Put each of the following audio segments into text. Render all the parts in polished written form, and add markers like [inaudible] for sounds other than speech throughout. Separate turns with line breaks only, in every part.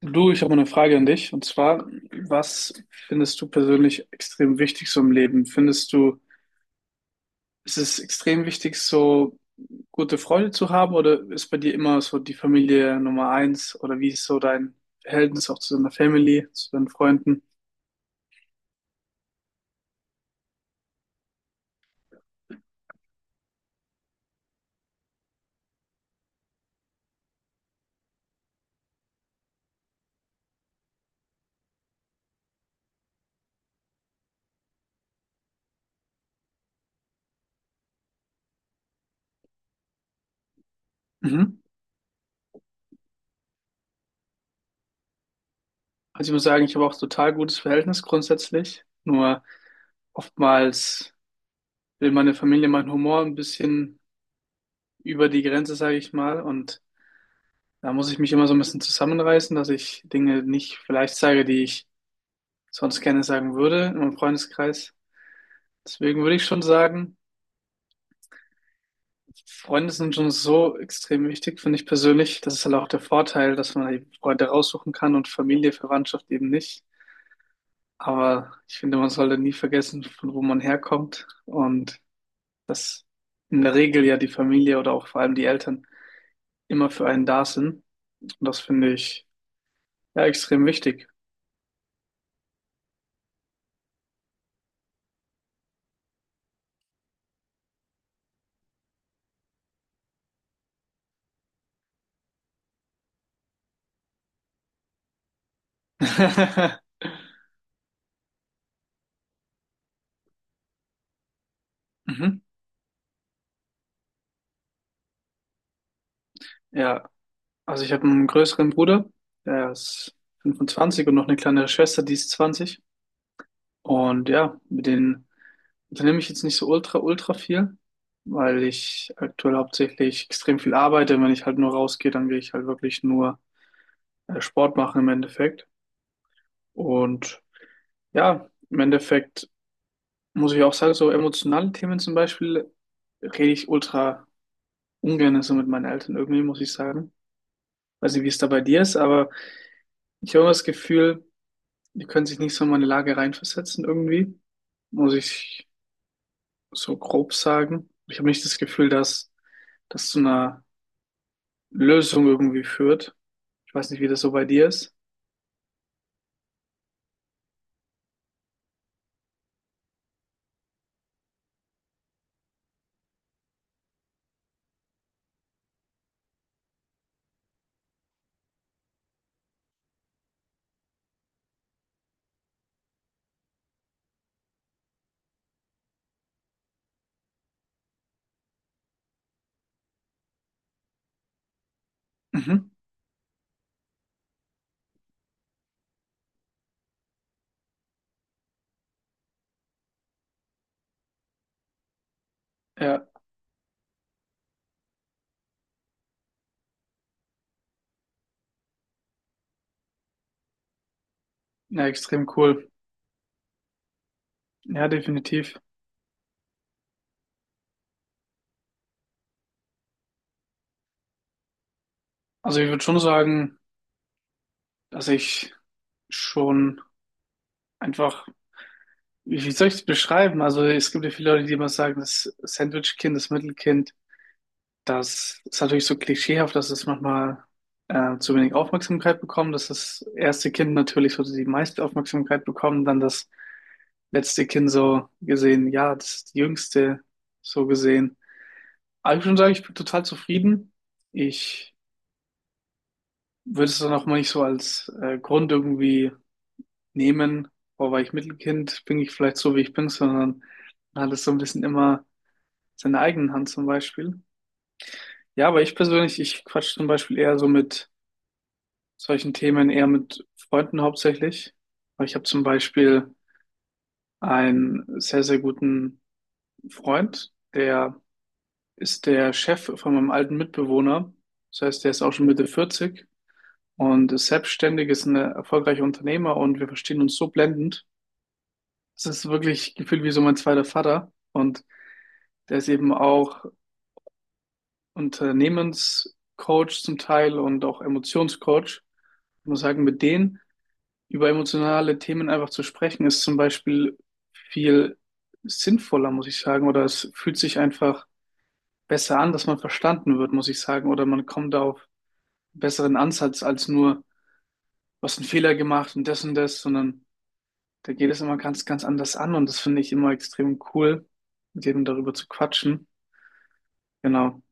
Du, ich habe mal eine Frage an dich. Und zwar, was findest du persönlich extrem wichtig so im Leben? Findest du, ist es extrem wichtig, so gute Freunde zu haben, oder ist bei dir immer so die Familie Nummer eins? Oder wie ist so dein Verhältnis auch zu deiner Family, zu deinen Freunden? Mhm. Also ich muss sagen, ich habe auch total gutes Verhältnis grundsätzlich. Nur oftmals will meine Familie meinen Humor ein bisschen über die Grenze, sage ich mal. Und da muss ich mich immer so ein bisschen zusammenreißen, dass ich Dinge nicht vielleicht sage, die ich sonst gerne sagen würde in meinem Freundeskreis. Deswegen würde ich schon sagen, Freunde sind schon so extrem wichtig, finde ich persönlich. Das ist halt auch der Vorteil, dass man eben Freunde raussuchen kann und Familie, Verwandtschaft eben nicht. Aber ich finde, man sollte nie vergessen, von wo man herkommt und dass in der Regel ja die Familie oder auch vor allem die Eltern immer für einen da sind. Und das finde ich ja extrem wichtig. [laughs] Mhm. Ja. Also ich habe einen größeren Bruder, der ist 25, und noch eine kleinere Schwester, die ist 20. Und ja, mit denen unternehme ich jetzt nicht so ultra, ultra viel, weil ich aktuell hauptsächlich extrem viel arbeite. Wenn ich halt nur rausgehe, dann gehe ich halt wirklich nur Sport machen im Endeffekt. Und ja, im Endeffekt muss ich auch sagen, so emotionale Themen zum Beispiel rede ich ultra ungern so mit meinen Eltern irgendwie, muss ich sagen. Weiß nicht, wie es da bei dir ist, aber ich habe immer das Gefühl, die können sich nicht so in meine Lage reinversetzen irgendwie, muss ich so grob sagen. Ich habe nicht das Gefühl, dass das zu einer Lösung irgendwie führt. Ich weiß nicht, wie das so bei dir ist. Mhm. Ja, ja, extrem cool. Ja, definitiv. Also ich würde schon sagen, dass ich schon einfach, wie soll ich es beschreiben? Also es gibt ja viele Leute, die immer sagen, das Sandwich-Kind, das Mittelkind. Das ist natürlich so klischeehaft, dass es manchmal zu wenig Aufmerksamkeit bekommt, dass das erste Kind natürlich so die meiste Aufmerksamkeit bekommt, dann das letzte Kind so gesehen, ja, das ist die jüngste so gesehen. Aber ich würde schon sagen, ich bin total zufrieden. Ich würde es dann auch mal nicht so als Grund irgendwie nehmen, boah, weil ich Mittelkind bin, ich vielleicht so, wie ich bin, sondern man hat es so ein bisschen immer in seiner eigenen Hand zum Beispiel. Ja, aber ich persönlich, ich quatsch zum Beispiel eher so mit solchen Themen eher mit Freunden hauptsächlich. Aber ich habe zum Beispiel einen sehr, sehr guten Freund, der ist der Chef von meinem alten Mitbewohner. Das heißt, der ist auch schon Mitte 40 und ist selbstständig, ist ein erfolgreicher Unternehmer, und wir verstehen uns so blendend. Es ist wirklich gefühlt wie so mein zweiter Vater, und der ist eben auch Unternehmenscoach zum Teil und auch Emotionscoach. Ich muss sagen, mit denen über emotionale Themen einfach zu sprechen, ist zum Beispiel viel sinnvoller, muss ich sagen, oder es fühlt sich einfach besser an, dass man verstanden wird, muss ich sagen, oder man kommt auf einen besseren Ansatz als nur, du hast einen Fehler gemacht und das, sondern da geht es immer ganz, ganz anders an, und das finde ich immer extrem cool, mit jedem darüber zu quatschen. Genau.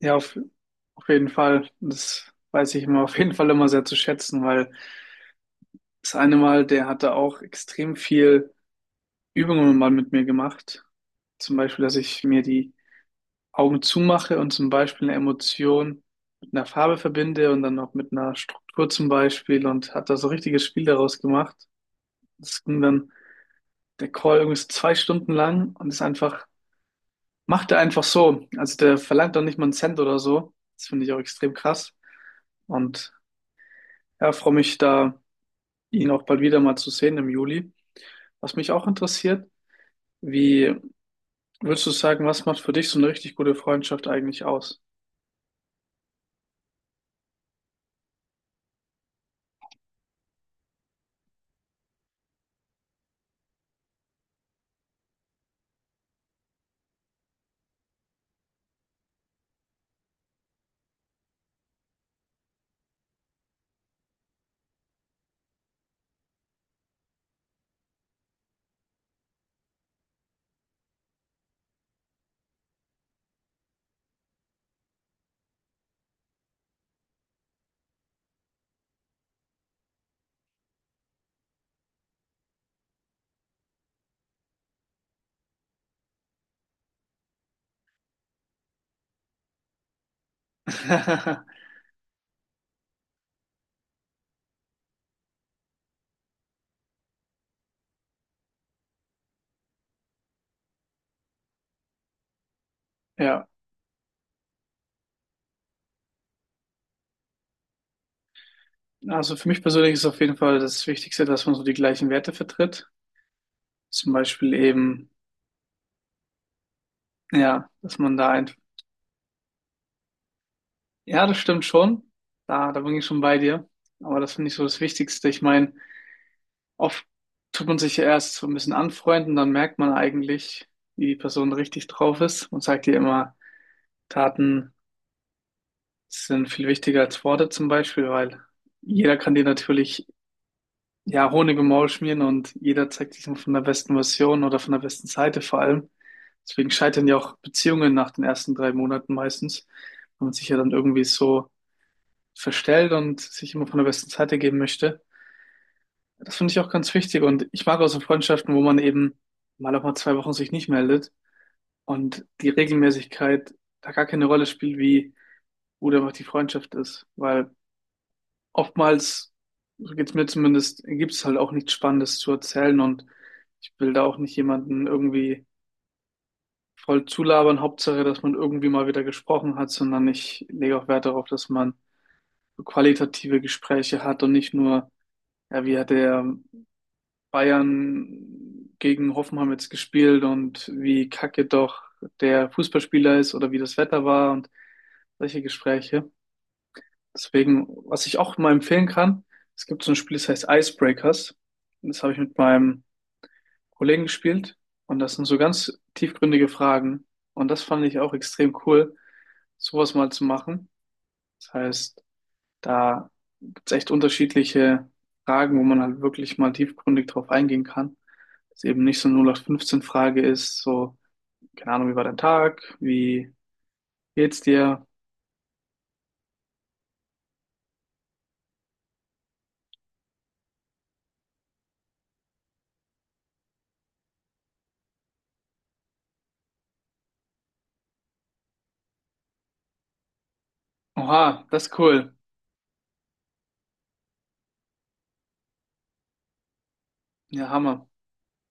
Ja, auf jeden Fall. Das weiß ich immer auf jeden Fall immer sehr zu schätzen, weil das eine Mal, der hatte auch extrem viel Übungen mal mit mir gemacht. Zum Beispiel, dass ich mir die Augen zumache und zum Beispiel eine Emotion mit einer Farbe verbinde und dann auch mit einer Struktur zum Beispiel, und hat da so ein richtiges Spiel daraus gemacht. Das ging dann der Call irgendwie so zwei Stunden lang und ist einfach, macht er einfach so. Also der verlangt doch nicht mal einen Cent oder so. Das finde ich auch extrem krass. Und ja, freue mich da, ihn auch bald wieder mal zu sehen im Juli. Was mich auch interessiert, wie würdest du sagen, was macht für dich so eine richtig gute Freundschaft eigentlich aus? [laughs] Ja, also für mich persönlich ist auf jeden Fall das Wichtigste, dass man so die gleichen Werte vertritt. Zum Beispiel eben, ja, dass man da ein, ja, das stimmt schon. Da bin ich schon bei dir. Aber das finde ich so das Wichtigste. Ich meine, oft tut man sich ja erst so ein bisschen anfreunden, dann merkt man eigentlich, wie die Person richtig drauf ist. Man sagt ja immer, Taten sind viel wichtiger als Worte zum Beispiel, weil jeder kann dir natürlich ja Honig im Maul schmieren, und jeder zeigt sich von der besten Version oder von der besten Seite vor allem. Deswegen scheitern ja auch Beziehungen nach den ersten drei Monaten meistens, wenn man sich ja dann irgendwie so verstellt und sich immer von der besten Seite geben möchte. Das finde ich auch ganz wichtig, und ich mag auch so Freundschaften, wo man eben mal auch mal zwei Wochen sich nicht meldet und die Regelmäßigkeit da gar keine Rolle spielt, wie gut einfach die Freundschaft ist, weil oftmals, so geht's mir zumindest, gibt's halt auch nichts Spannendes zu erzählen, und ich will da auch nicht jemanden irgendwie voll zulabern. Hauptsache, dass man irgendwie mal wieder gesprochen hat, sondern ich lege auch Wert darauf, dass man so qualitative Gespräche hat und nicht nur, ja, wie hat der Bayern gegen Hoffenheim jetzt gespielt und wie kacke doch der Fußballspieler ist oder wie das Wetter war und solche Gespräche. Deswegen, was ich auch mal empfehlen kann, es gibt so ein Spiel, das heißt Icebreakers. Das habe ich mit meinem Kollegen gespielt, und das sind so ganz tiefgründige Fragen. Und das fand ich auch extrem cool, sowas mal zu machen. Das heißt, da gibt's echt unterschiedliche Fragen, wo man halt wirklich mal tiefgründig drauf eingehen kann. Dass es eben nicht so eine 0815-Frage ist, so, keine Ahnung, wie war dein Tag? Wie geht's dir? Oha, das ist cool. Ja, Hammer.